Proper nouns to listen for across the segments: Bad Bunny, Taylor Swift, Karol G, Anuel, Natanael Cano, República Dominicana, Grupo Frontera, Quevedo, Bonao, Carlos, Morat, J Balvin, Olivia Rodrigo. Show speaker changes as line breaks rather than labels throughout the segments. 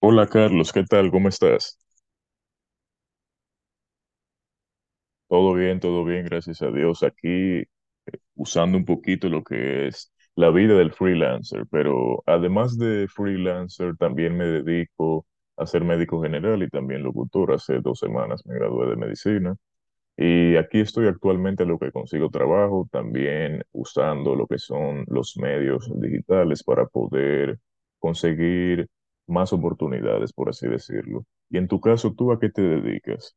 Hola Carlos, ¿qué tal? ¿Cómo estás? Todo bien, gracias a Dios. Aquí usando un poquito lo que es la vida del freelancer, pero además de freelancer también me dedico a ser médico general y también locutor. Hace 2 semanas me gradué de medicina y aquí estoy actualmente a lo que consigo trabajo, también usando lo que son los medios digitales para poder conseguir más oportunidades, por así decirlo. Y en tu caso, ¿tú a qué te dedicas?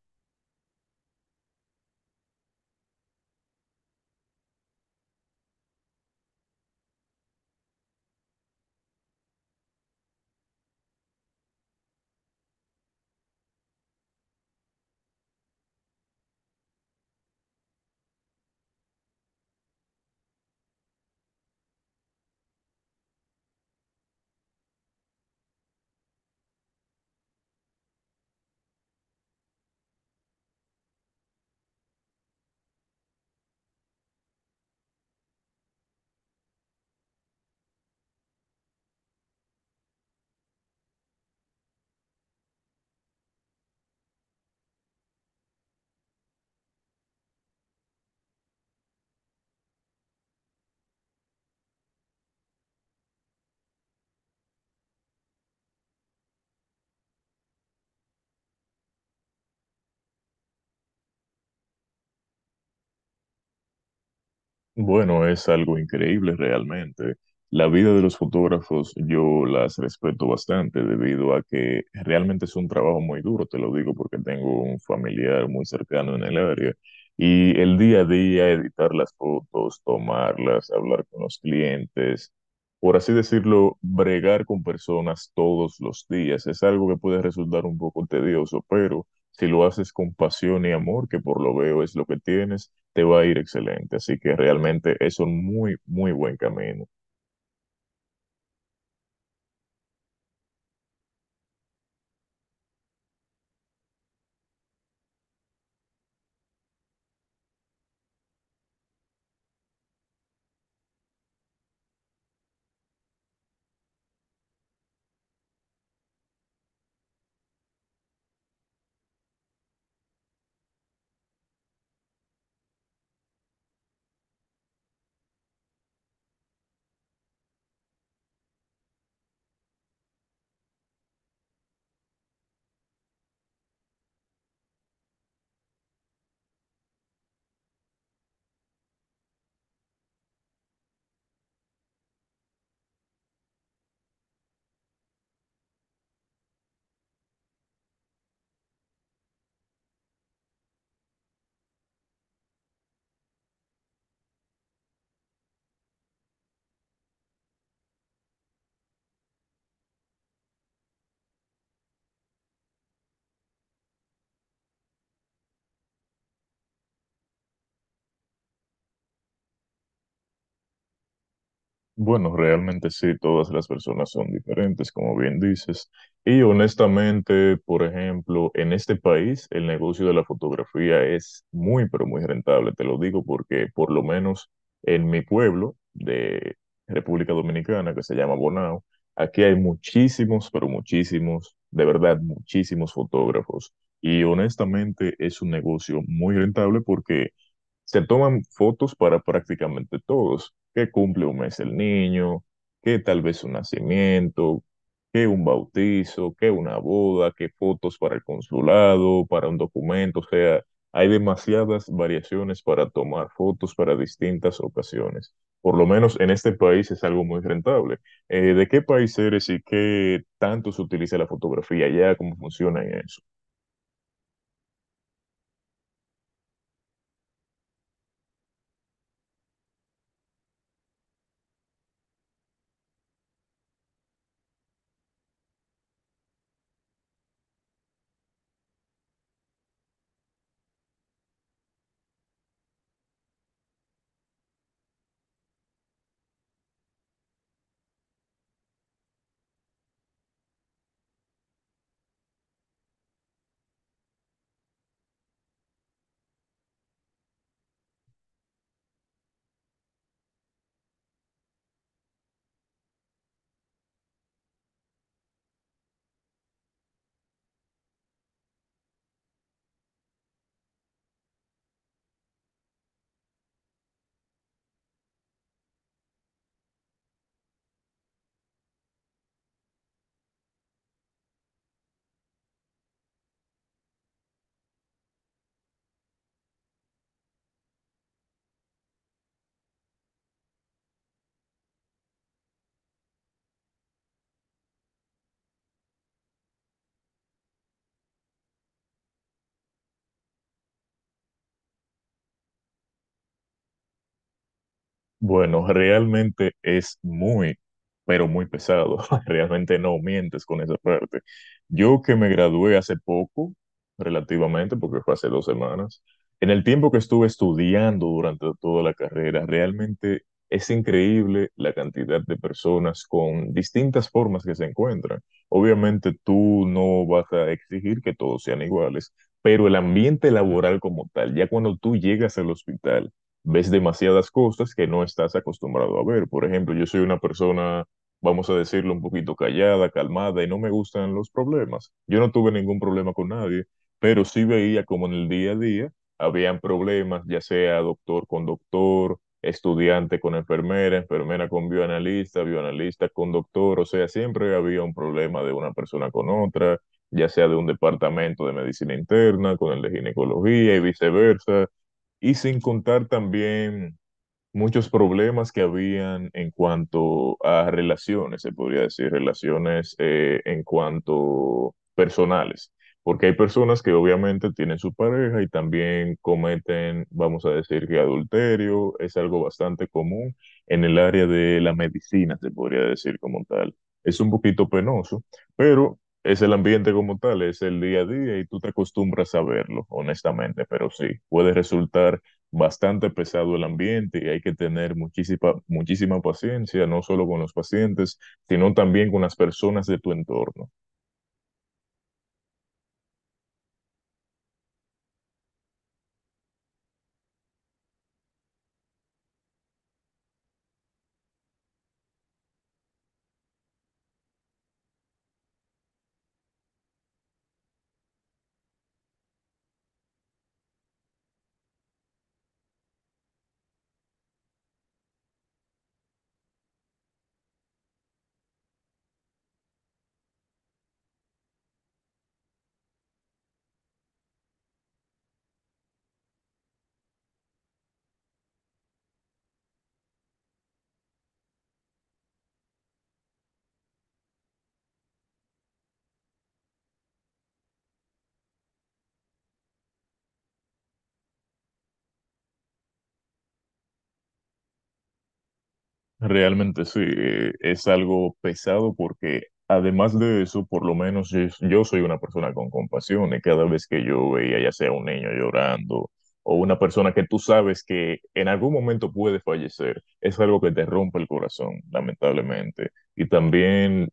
Bueno, es algo increíble realmente. La vida de los fotógrafos yo las respeto bastante debido a que realmente es un trabajo muy duro, te lo digo porque tengo un familiar muy cercano en el área y el día a día editar las fotos, tomarlas, hablar con los clientes, por así decirlo, bregar con personas todos los días es algo que puede resultar un poco tedioso, pero si lo haces con pasión y amor, que por lo veo es lo que tienes, te va a ir excelente. Así que realmente es un muy, muy buen camino. Bueno, realmente sí, todas las personas son diferentes, como bien dices. Y honestamente, por ejemplo, en este país el negocio de la fotografía es muy, pero muy rentable. Te lo digo porque por lo menos en mi pueblo de República Dominicana, que se llama Bonao, aquí hay muchísimos, pero muchísimos, de verdad, muchísimos fotógrafos. Y honestamente es un negocio muy rentable porque se toman fotos para prácticamente todos, que cumple un mes el niño, que tal vez un nacimiento, que un bautizo, que una boda, que fotos para el consulado, para un documento, o sea, hay demasiadas variaciones para tomar fotos para distintas ocasiones. Por lo menos en este país es algo muy rentable. ¿De qué país eres y qué tanto se utiliza la fotografía allá? ¿Cómo funciona en eso? Bueno, realmente es muy, pero muy pesado. Realmente no mientes con esa parte. Yo que me gradué hace poco, relativamente, porque fue hace dos semanas, en el tiempo que estuve estudiando durante toda la carrera, realmente es increíble la cantidad de personas con distintas formas que se encuentran. Obviamente tú no vas a exigir que todos sean iguales, pero el ambiente laboral como tal, ya cuando tú llegas al hospital, ves demasiadas cosas que no estás acostumbrado a ver. Por ejemplo, yo soy una persona, vamos a decirlo, un poquito callada, calmada, y no me gustan los problemas. Yo no tuve ningún problema con nadie, pero sí veía como en el día a día habían problemas, ya sea doctor con doctor, estudiante con enfermera, enfermera con bioanalista, bioanalista con doctor, o sea, siempre había un problema de una persona con otra, ya sea de un departamento de medicina interna con el de ginecología y viceversa, y sin contar también muchos problemas que habían en cuanto a relaciones, se podría decir, relaciones en cuanto personales, porque hay personas que obviamente tienen su pareja y también cometen, vamos a decir que adulterio, es algo bastante común en el área de la medicina, se podría decir como tal. Es un poquito penoso, pero es el ambiente como tal, es el día a día y tú te acostumbras a verlo, honestamente, pero sí, puede resultar bastante pesado el ambiente y hay que tener muchísima, muchísima paciencia, no solo con los pacientes, sino también con las personas de tu entorno. Realmente sí, es algo pesado porque además de eso, por lo menos yo, yo soy una persona con compasión y cada vez que yo veía ya sea un niño llorando o una persona que tú sabes que en algún momento puede fallecer, es algo que te rompe el corazón, lamentablemente. Y también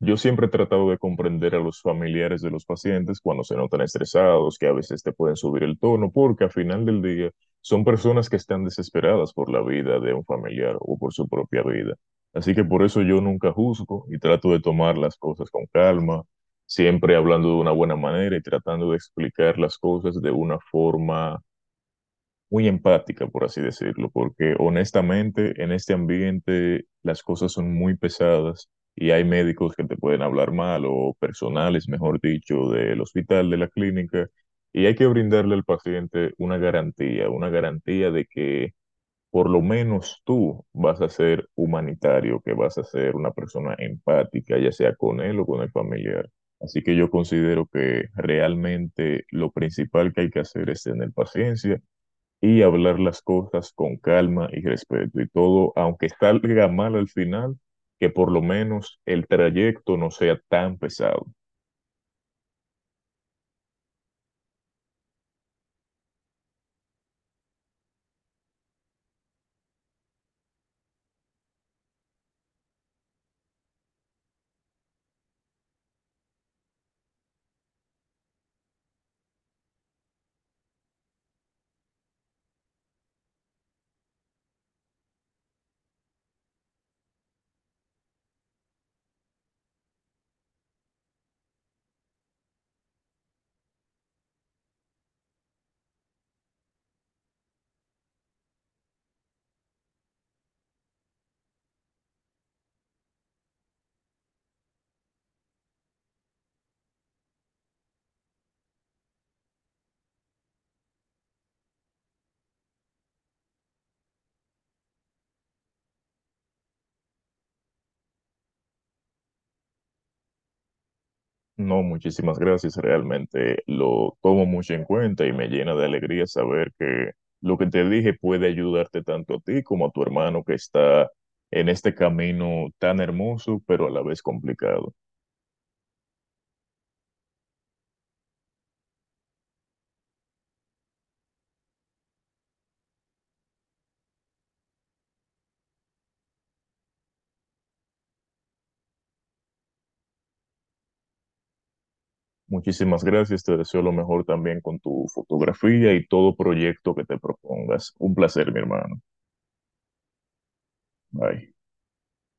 yo siempre he tratado de comprender a los familiares de los pacientes cuando se notan estresados, que a veces te pueden subir el tono, porque al final del día son personas que están desesperadas por la vida de un familiar o por su propia vida. Así que por eso yo nunca juzgo y trato de tomar las cosas con calma, siempre hablando de una buena manera y tratando de explicar las cosas de una forma muy empática, por así decirlo, porque honestamente en este ambiente las cosas son muy pesadas y hay médicos que te pueden hablar mal o personales, mejor dicho, del hospital, de la clínica, y hay que brindarle al paciente una garantía de que por lo menos tú vas a ser humanitario, que vas a ser una persona empática, ya sea con él o con el familiar. Así que yo considero que realmente lo principal que hay que hacer es tener paciencia y hablar las cosas con calma y respeto y todo, aunque salga mal al final, que por lo menos el trayecto no sea tan pesado. No, muchísimas gracias, realmente lo tomo mucho en cuenta y me llena de alegría saber que lo que te dije puede ayudarte tanto a ti como a tu hermano que está en este camino tan hermoso, pero a la vez complicado. Muchísimas gracias, te deseo lo mejor también con tu fotografía y todo proyecto que te propongas. Un placer, mi hermano. Bye.